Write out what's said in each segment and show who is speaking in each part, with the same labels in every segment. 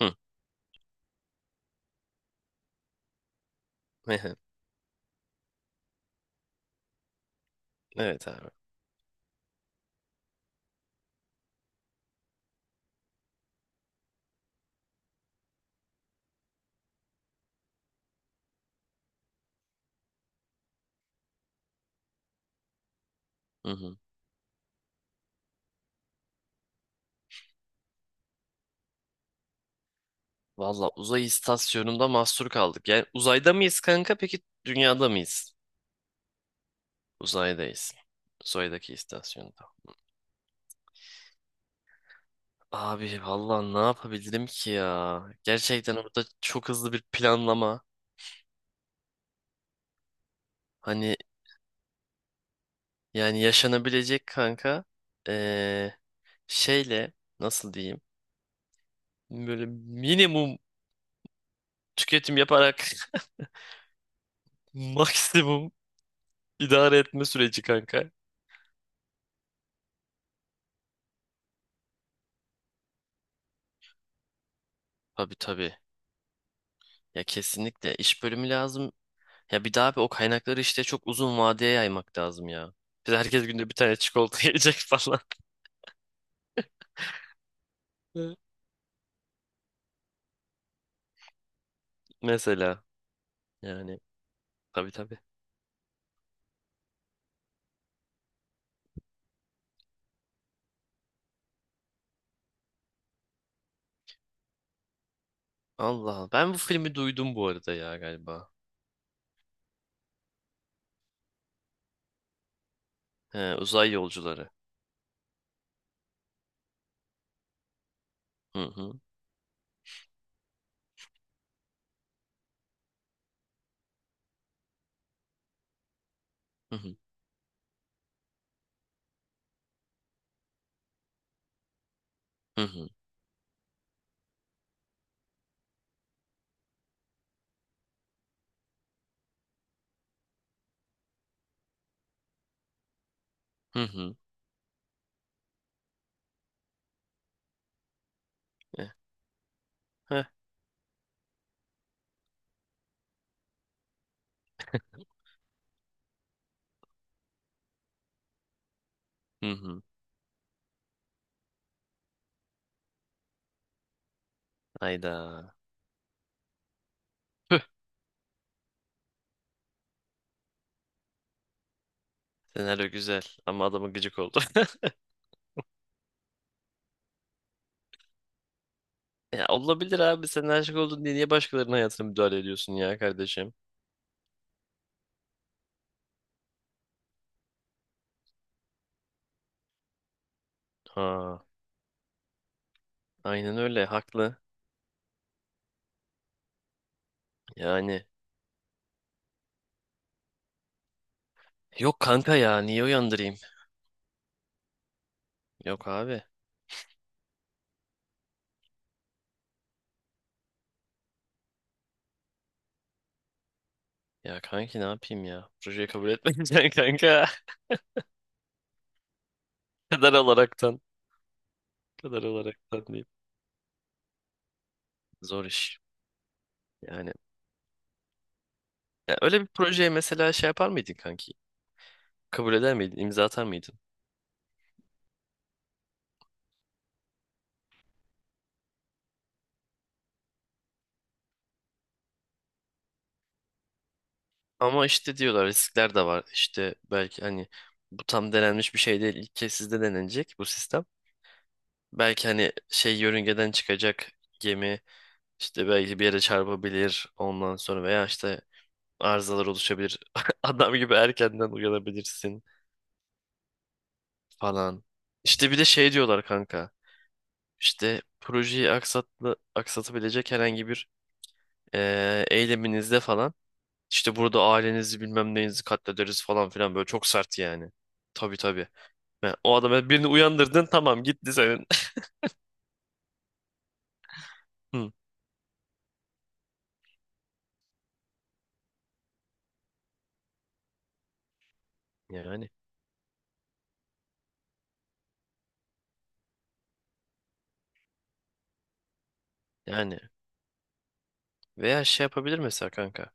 Speaker 1: Hı. Evet abi. Hı hı. Valla uzay istasyonunda mahsur kaldık. Yani uzayda mıyız kanka? Peki dünyada mıyız? Uzaydayız. Uzaydaki istasyonda. Abi valla ne yapabilirim ki ya? Gerçekten orada çok hızlı bir planlama. Hani yani yaşanabilecek kanka. Ee, şeyle nasıl diyeyim? Böyle minimum tüketim yaparak maksimum idare etme süreci kanka. Tabii, tabii. Ya kesinlikle iş bölümü lazım. Ya bir daha abi o kaynakları işte çok uzun vadeye yaymak lazım ya. Biz herkes günde bir tane çikolata yiyecek falan. Evet. Mesela yani, tabii, tabii. Allah Allah. Ben bu filmi duydum bu arada ya galiba. He, uzay yolcuları. Hı hı. Hı hı. Hı hı. Hı hı. Eh, heh, hı hı. Hayda. Püh, senaryo güzel ama adamı gıcık oldu. Ya olabilir abi, sen aşık oldun diye niye başkalarının hayatına müdahale ediyorsun ya kardeşim? Ha, aynen öyle, haklı. Yani yok kanka, ya niye uyandırayım? Yok abi. Ya kanki ne yapayım ya? Projeyi kabul etmeyeceksin kanka. Kadar olaraktan. Kadar olaraktan diyeyim. Zor iş. Yani, ya öyle bir projeye mesela şey yapar mıydın kanki? Kabul eder miydin? İmza atar mıydın? Ama işte diyorlar, riskler de var. İşte belki hani bu tam denenmiş bir şey değil. İlk kez sizde denenecek bu sistem. Belki hani şey, yörüngeden çıkacak gemi, işte belki bir yere çarpabilir ondan sonra, veya işte arızalar oluşabilir. Adam gibi erkenden uyanabilirsin falan. İşte bir de şey diyorlar kanka. İşte projeyi aksatabilecek herhangi bir eyleminizde falan. İşte burada ailenizi bilmem neyinizi katlederiz falan filan, böyle çok sert yani. Tabii, tabii. O adamı, birini uyandırdın, tamam, gitti senin. Hı, Yani yani veya şey yapabilir mesela kanka.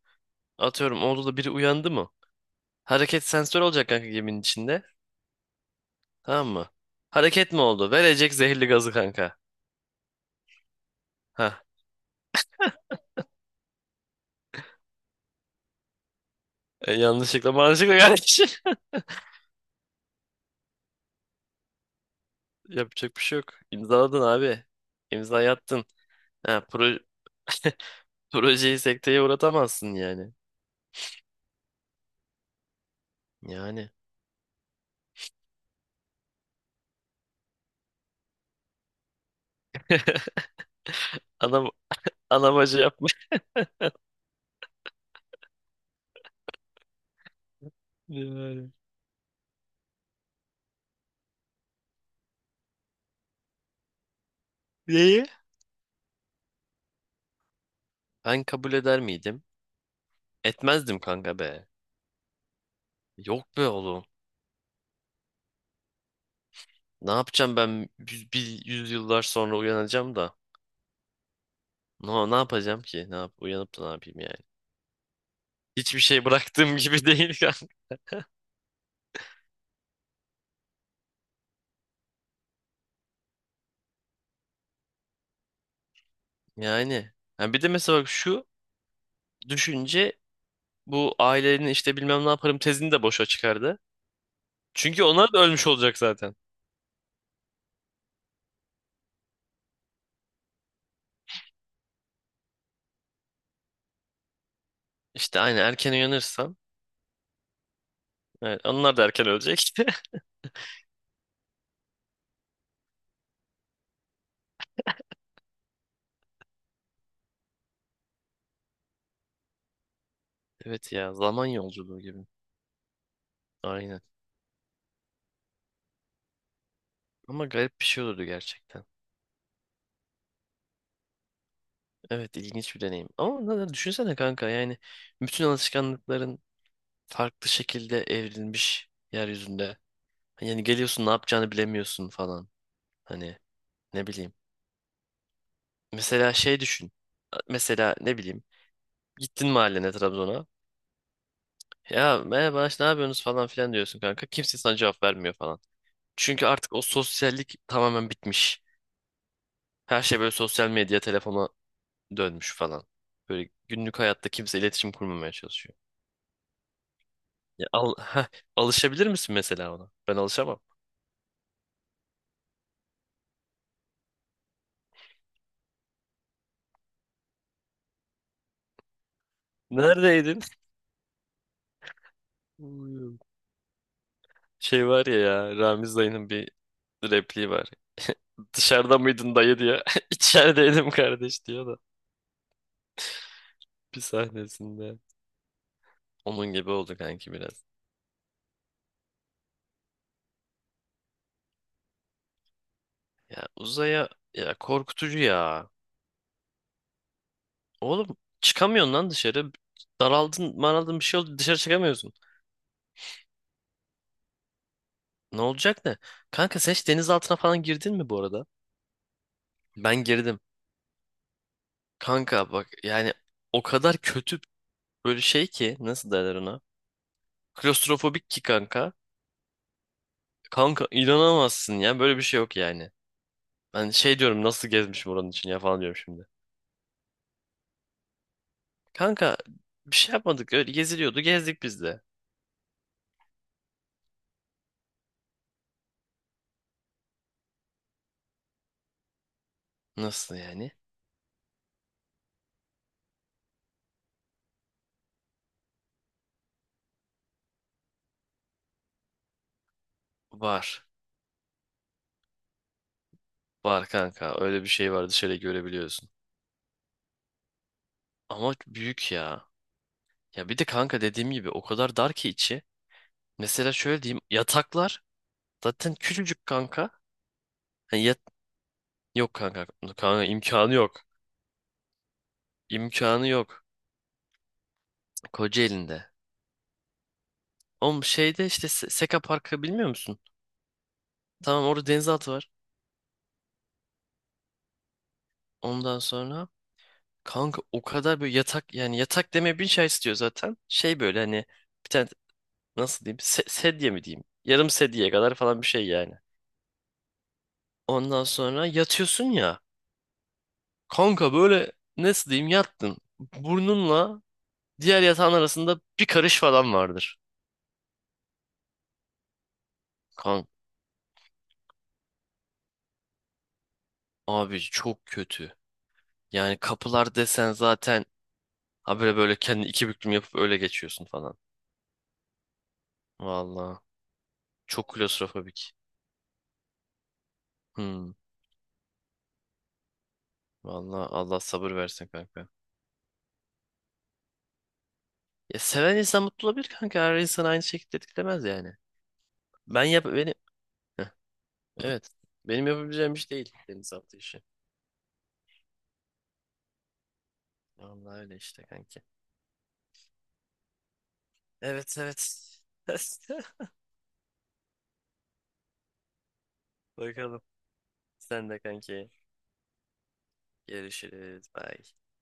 Speaker 1: Atıyorum, oldu da biri uyandı mı? Hareket sensör olacak kanka geminin içinde. Tamam mı? Hareket mi oldu? Verecek zehirli gazı kanka. Ha. E, yanlışlıkla manşıkla kardeş. Yapacak bir şey yok. İmzaladın abi. İmzayı attın. Ha, projeyi sekteye uğratamazsın yani. Yani. Ana, ana bacı yapmış. Yani. Neyi? Ben kabul eder miydim? Etmezdim kanka be. Yok be oğlum. Ne yapacağım ben, bir yüzyıllar sonra uyanacağım da. No, ne yapacağım ki? Ne yap uyanıp da ne yapayım yani? Hiçbir şey bıraktığım gibi değil kanka. Yani. Ha, bir de mesela bak şu düşünce bu ailenin işte bilmem ne yaparım tezini de boşa çıkardı. Çünkü onlar da ölmüş olacak zaten. İşte aynı, erken uyanırsam. Evet, onlar da erken ölecek. Evet ya, zaman yolculuğu gibi. Aynen. Ama garip bir şey olurdu gerçekten. Evet, ilginç bir deneyim. Ama neden, düşünsene kanka, yani bütün alışkanlıkların farklı şekilde evrilmiş yeryüzünde. Yani geliyorsun, ne yapacağını bilemiyorsun falan. Hani ne bileyim. Mesela şey düşün. Mesela ne bileyim. Gittin mahallene, Trabzon'a. Ya merhaba işte, ne yapıyorsunuz falan filan diyorsun kanka. Kimse sana cevap vermiyor falan. Çünkü artık o sosyallik tamamen bitmiş. Her şey böyle sosyal medya, telefona dönmüş falan. Böyle günlük hayatta kimse iletişim kurmamaya çalışıyor. Ya al, heh, alışabilir misin mesela ona? Ben alışamam. Neredeydin? Uyuyorum. Şey var ya, ya Ramiz dayının bir repliği var. Dışarıda mıydın dayı diyor. İçerideydim kardeş diyor da bir sahnesinde. Onun gibi oldu kanki biraz. Ya uzaya, ya korkutucu ya. Oğlum çıkamıyorsun lan dışarı. Daraldın, maraldın, bir şey oldu, dışarı çıkamıyorsun. Ne olacak, ne? Kanka sen hiç deniz altına falan girdin mi bu arada? Ben girdim. Kanka bak yani, o kadar kötü, böyle şey ki, nasıl derler ona? Klostrofobik ki kanka. Kanka inanamazsın ya, böyle bir şey yok yani. Ben şey diyorum, nasıl gezmişim oranın için ya falan diyorum şimdi. Kanka bir şey yapmadık, öyle geziliyordu, gezdik biz de. Nasıl yani? Var. Var kanka, öyle bir şey var, dışarı görebiliyorsun. Ama büyük ya. Ya bir de kanka, dediğim gibi o kadar dar ki içi. Mesela şöyle diyeyim, yataklar zaten küçücük kanka. Hani yat yok kanka. Kanka imkanı yok. İmkanı yok. Kocaeli'nde. Oğlum şeyde işte, Seka Parkı bilmiyor musun? Tamam, orada denizaltı var. Ondan sonra kanka o kadar böyle, yatak yani, yatak demeye bin şey istiyor zaten. Şey böyle hani bir tane, nasıl diyeyim, sedye mi diyeyim? Yarım sedyeye kadar falan bir şey yani. Ondan sonra yatıyorsun ya. Kanka böyle, nasıl diyeyim, yattın. Burnunla diğer yatağın arasında bir karış falan vardır. Kanka abi, çok kötü. Yani kapılar desen zaten, ha böyle böyle kendi, iki büklüm yapıp öyle geçiyorsun falan. Valla çok klostrofobik. Hmm. Valla Allah sabır versin kanka. Ya, seven insan mutlu olabilir kanka. Her insan aynı şekilde etkilemez yani. Benim, heh, evet. Benim yapabileceğim iş değil deniz altı işi. Vallahi öyle işte kanki. Evet, evet. Bakalım. Sen de kanki. Görüşürüz. Bye.